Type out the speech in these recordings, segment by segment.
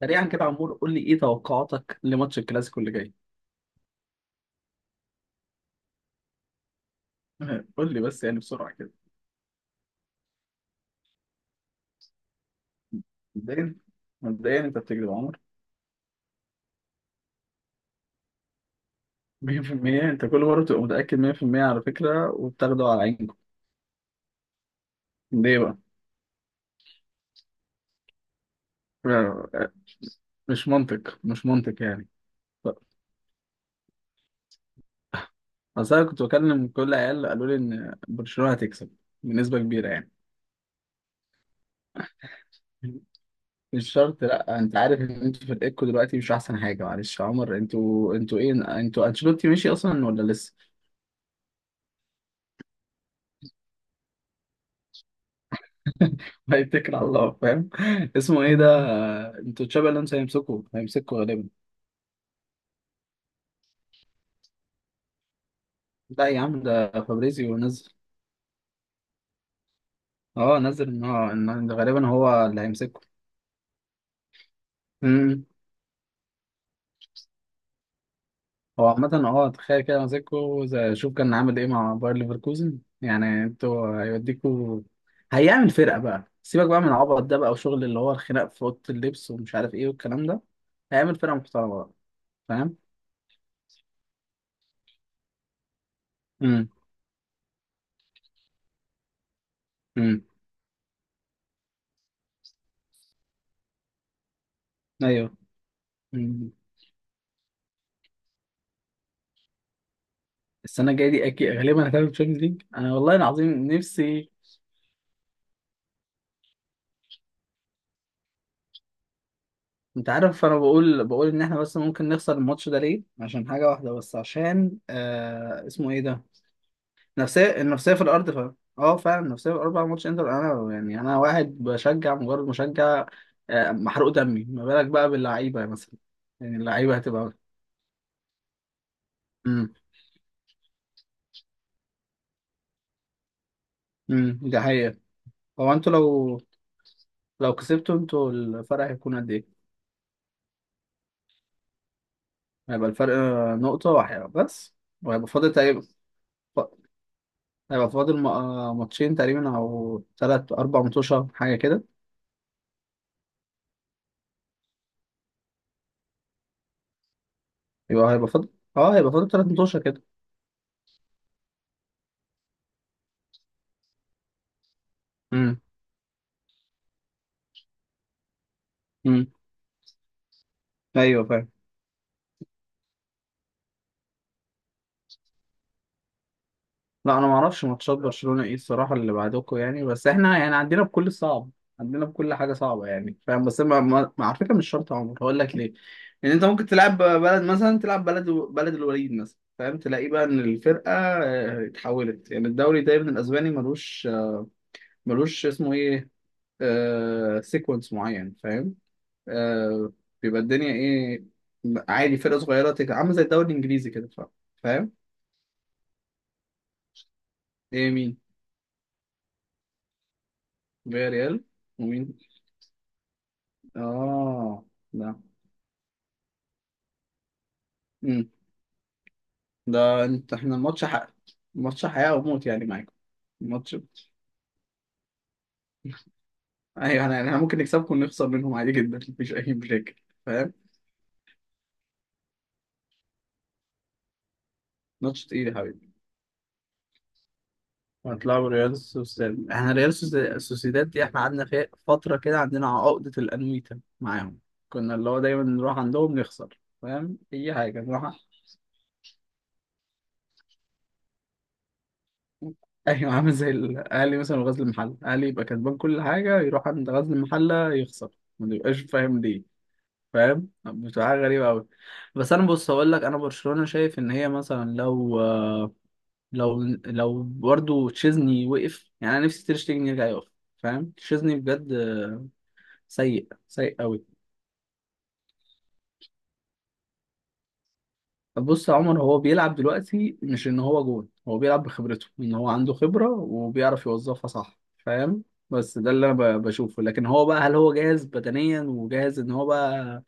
سريعا كده يا عمور، قول لي ايه توقعاتك لماتش الكلاسيكو اللي جاي؟ قول لي بس يعني بسرعه كده. مبدئيا مبدئيا انت بتكذب يا عمر. 100%؟ انت كل مره بتبقى متاكد 100% على فكره وبتاخده على عينكم. ليه بقى؟ آه، مش منطق مش منطق يعني. ف- اصل انا كنت بكلم كل عيال قالوا لي ان برشلونه هتكسب بنسبه كبيره يعني. مش شرط، لا انت عارف ان انتوا فرقتكم دلوقتي مش احسن حاجه. معلش يا عمر، انتوا ايه؟ انتوا انشيلوتي مشي اصلا ولا؟ هيتكل على الله، فاهم. اسمه ايه ده؟ انتوا تشابي الونسو هيمسكوا غالبا. لا يا عم، ده فابريزيو نزل. اه نزل ان هو ان ده غالبا هو اللي هيمسكه. امم هو عامة اه، تخيل كده ماسكه شوف كان عامل ايه مع باير ليفركوزن؟ يعني انتوا هيوديكوا. هيعمل فرقة بقى، سيبك بقى من العبط ده بقى وشغل اللي هو الخناق في أوضة اللبس ومش عارف ايه والكلام ده. هيعمل فرقة محترمة بقى، فاهم. امم امم ايوه. السنه الجايه دي اكيد غالبا هتعمل تشامبيونز ليج. انا والله العظيم نفسي. انت عارف انا بقول ان احنا بس ممكن نخسر الماتش ده ليه؟ عشان حاجه واحده بس، عشان آه اسمه ايه ده. النفسيه في الارض فعلا، اه فعلا، النفسيه في الاربع ماتش انتر. انا يعني انا واحد بشجع، مجرد مشجع. محروق دمي، ما بالك بقى باللعيبه مثلا؟ يعني اللعيبه هتبقى... امم امم ده حقيقه. هو انتوا لو كسبتوا انتوا، الفرق هيكون قد ايه؟ هيبقى الفرق نقطه واحده بس. وهيبقى فاضل تقريبا. هيبقى فاضل ماتشين تقريبا او ثلاث اربع متوشه حاجه كده. يبقى هيبقى فاضل، اه هيبقى فاضل ثلاث متوشه كده. امم امم ايوه فاهم. لا انا ما اعرفش ماتشات برشلونه ايه الصراحه اللي بعدكم يعني، بس احنا يعني عندنا بكل صعب. عندنا بكل حاجه صعبه يعني، فاهم. بس على فكره مش شرط يا عمر. هقول لك ليه. ان انت ممكن تلعب بلد مثلا، تلعب بلد الوليد مثلا، فاهم. تلاقيه بقى ان الفرقه اتحولت يعني. الدوري دايما الاسباني ملوش اسمه ايه، آه سيكونس معين، فاهم. آه بيبقى الدنيا ايه. عادي فرقة صغيرة عاملة زي الدوري الانجليزي كده. فاهم. ايه؟ مين؟ فيا ريال. ومين؟ اه، لا. امم ده انت احنا الماتش حق. الماتش حياة وموت يعني معاكم. الماتش... ايوه، احنا ممكن نكسبكم ونخسر منهم عادي جدا، مفيش اي مشاكل. فاهم. ماتش تقيل يا حبيبي. هتلعبوا ريال سوسيداد، احنا ريال سوسيداد دي احنا قعدنا فيها فترة كده، عندنا عقدة الأنويتا معاهم. كنا اللي هو دايما نروح عندهم نخسر فاهم، اي حاجه نروح. ايوه عامل زي الاهلي مثلا وغزل المحله، الاهلي يبقى كسبان كل حاجه يروح عند غزل المحله يخسر، ما بيبقاش فاهم ليه. فاهم، بتبقى حاجه غريبه قوي. بس انا بص، هقول لك انا برشلونه شايف ان هي مثلا لو لو برضو تشيزني وقف يعني. انا نفسي تير شتيجن يرجع يقف، فاهم. تشيزني بجد سيء سيء قوي. بص يا عمر، هو بيلعب دلوقتي مش ان هو جون، هو بيلعب بخبرته، ان هو عنده خبرة وبيعرف يوظفها صح فاهم. بس ده اللي انا بشوفه. لكن هو بقى، هل هو جاهز بدنيا وجاهز ان هو بقى،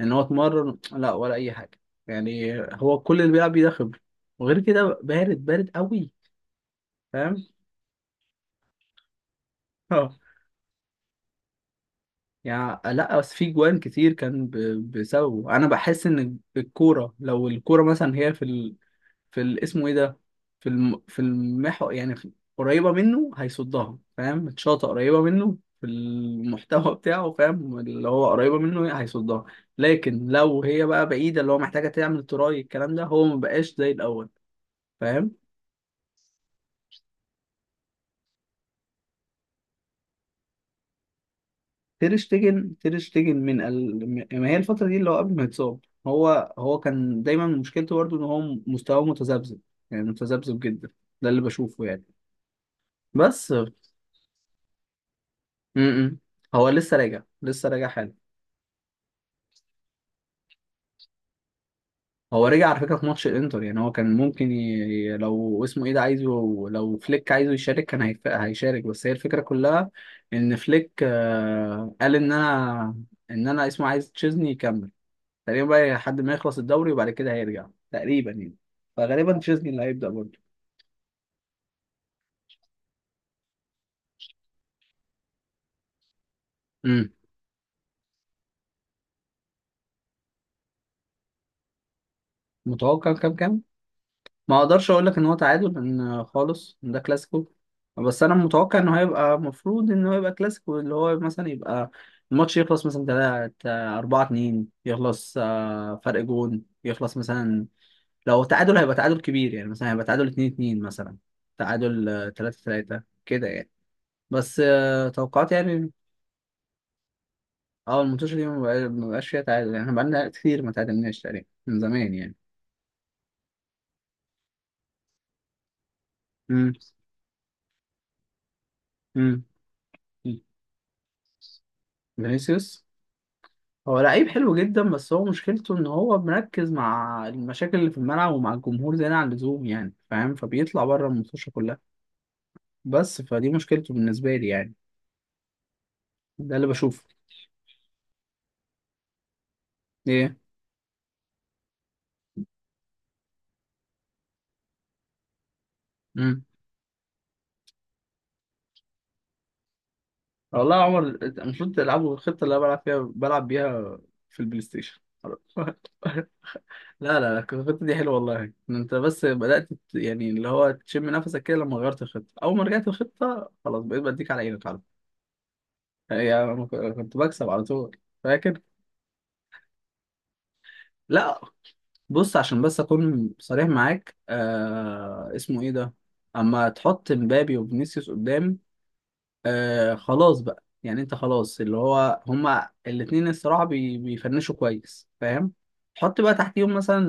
ان هو اتمرن لا ولا اي حاجة. يعني هو كل اللي بيلعب بيه ده خبرة. وغير كده بارد بارد قوي. فاهم. اه. يعني لا، بس في جوان كتير كان بسببه، انا بحس ان الكورة لو الكورة مثلا هي في في اسمه ايه ده، في في المحور يعني، قريبة منه هيصدها فاهم، الشاطئ قريبة منه في المحتوى بتاعه فاهم، اللي هو قريبة منه هيصدها. لكن لو هي بقى بعيدة، اللي هو محتاجة تعمل تراي، الكلام ده هو مبقاش زي الأول، فاهم. تير شتيجن من ما هي الفترة دي اللي هو قبل ما يتصاب. هو هو كان دايما مشكلته برضه ان هو مستواه متذبذب، يعني متذبذب جدا. ده اللي بشوفه يعني. بس م -م. هو لسه راجع، لسه راجع حالا. هو رجع على فكرة في ماتش الانتر. يعني هو كان ممكن لو اسمه ايه ده عايزه، لو فليك عايزه يشارك كان هيشارك. بس هي الفكرة كلها، ان فليك قال ان انا، ان انا اسمه عايز تشيزني يكمل تقريبا بقى لحد ما يخلص الدوري، وبعد كده هيرجع تقريبا يعني. فغالبا تشيزني اللي هيبدأ برضه. امم متوقع كام كام؟ ما اقدرش اقول لك ان هو تعادل لان خالص ده كلاسيكو. بس انا متوقع انه هيبقى، المفروض انه هيبقى كلاسيكو اللي هو مثلا يبقى الماتش يخلص مثلا 3 4 2، يخلص فرق جون يخلص مثلا. لو تعادل هيبقى تعادل كبير، يعني مثلا هيبقى تعادل 2 2 مثلا، تعادل 3 3 كده يعني. بس توقعات يعني. اه الماتش دي ما بقاش فيها تعادل. يعني احنا بقالنا كتير ما تعادلناش تقريبا من زمان يعني. امم امم فينيسيوس. هو لعيب حلو جدا، بس هو مشكلته ان هو مركز مع المشاكل اللي في الملعب ومع الجمهور زيادة عن اللزوم يعني فاهم، فبيطلع بره المنتوشه كلها. بس فدي مشكلته بالنسبة لي يعني. ده اللي بشوفه. ايه؟ امم والله يا عمر، أنت المفروض تلعبوا الخطة اللي انا بلعب بيها في البلاي ستيشن. لا لا لا الخطة دي حلوة والله. إن انت بس بدأت يعني اللي هو تشم نفسك كده، لما غيرت الخطة اول ما رجعت الخطة خلاص بقيت بديك على عينك على طول. يعني أنا كنت بكسب على طول، فاكر. لا بص عشان بس اكون صريح معاك، آه اسمه ايه ده، اما تحط مبابي وفينيسيوس قدام، آه خلاص بقى، يعني انت خلاص اللي هو هما الاتنين الصراحه بي بيفنشوا كويس فاهم. حط بقى تحتيهم مثلا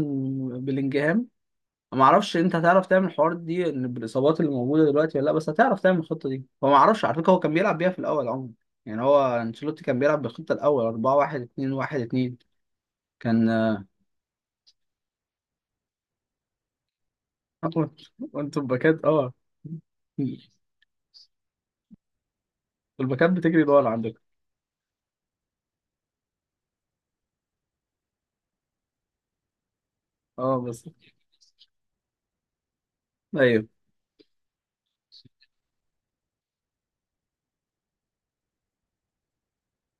بلينجهام. ما اعرفش انت هتعرف تعمل الحوار دي إن بالاصابات اللي موجوده دلوقتي ولا لا، بس هتعرف تعمل الخطه دي. هو ما اعرفش على فكره، هو كان بيلعب بيها في الاول عموما. يعني هو انشيلوتي كان بيلعب بالخطه الاول 4 1 2 1 2. كان آه، وانتوا الباكات اه. الباكات بتجري دول عندك، اه بس. ايوه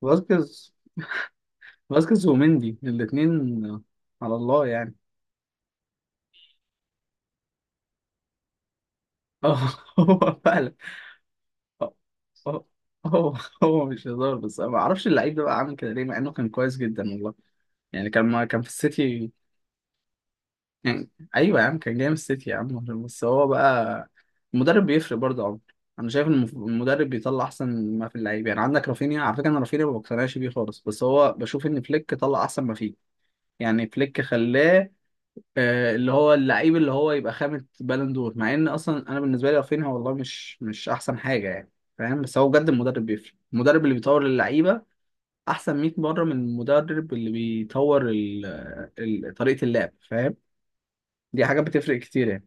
فاسكيز. فاسكيز ومندي الاثنين على الله يعني. اه. هو فعلا آه، آه، هو. هو مش هزار، بس أنا ما اعرفش اللعيب ده بقى عامل كده ليه مع انه كان كويس جدا والله. يعني كان ما كان في السيتي يعني. ايوه يا عم كان جاي من السيتي يا عم. بس هو بقى المدرب بيفرق برضه يا عمر. انا شايف ان المدرب بيطلع احسن ما في اللعيبه، يعني عندك رافينيا على فكره، انا رافينيا ما بقتنعش بيه خالص بس هو بشوف ان فليك طلع احسن ما فيه. يعني فليك خلاه اللي هو اللعيب اللي هو يبقى خامة بالون دور، مع ان اصلا انا بالنسبه لي رافينيا والله مش مش احسن حاجه يعني، فاهم. بس هو بجد المدرب بيفرق، المدرب اللي بيطور اللعيبه احسن 100 مره من المدرب اللي بيطور طريقه اللعب، فاهم. دي حاجه بتفرق كتير يعني.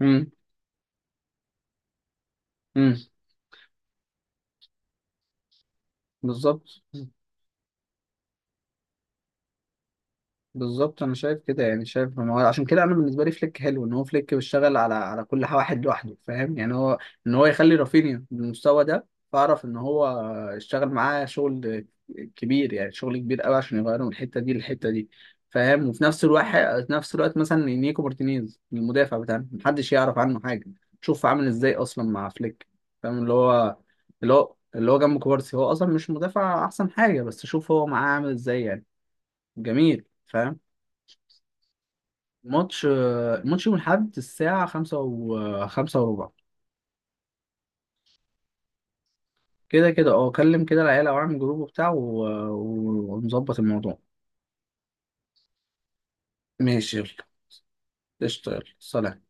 امم امم بالظبط. بالظبط انا شايف كده يعني، شايف ما هو عشان كده انا بالنسبه لي فليك حلو ان هو فليك بيشتغل على كل واحد لوحده، فاهم. يعني هو ان هو يخلي رافينيا بالمستوى ده، فاعرف ان هو اشتغل معاه شغل كبير يعني شغل كبير قوي عشان يغيره من الحته دي للحته دي، فاهم. وفي نفس الوقت مثلا نيكو مارتينيز المدافع بتاعنا محدش يعرف عنه حاجه، شوف عامل ازاي اصلا مع فليك، فاهم. اللي هو جنب كوبارسي، هو اصلا مش مدافع احسن حاجه، بس شوف هو معاه عامل ازاي يعني. جميل فاهم. ماتش ماتش يوم الأحد الساعة 5:15. كده كده اه، كلم كده العيال أو اعمل جروب وبتاع ونظبط الموضوع. ماشي يلا، اشتغل. سلام.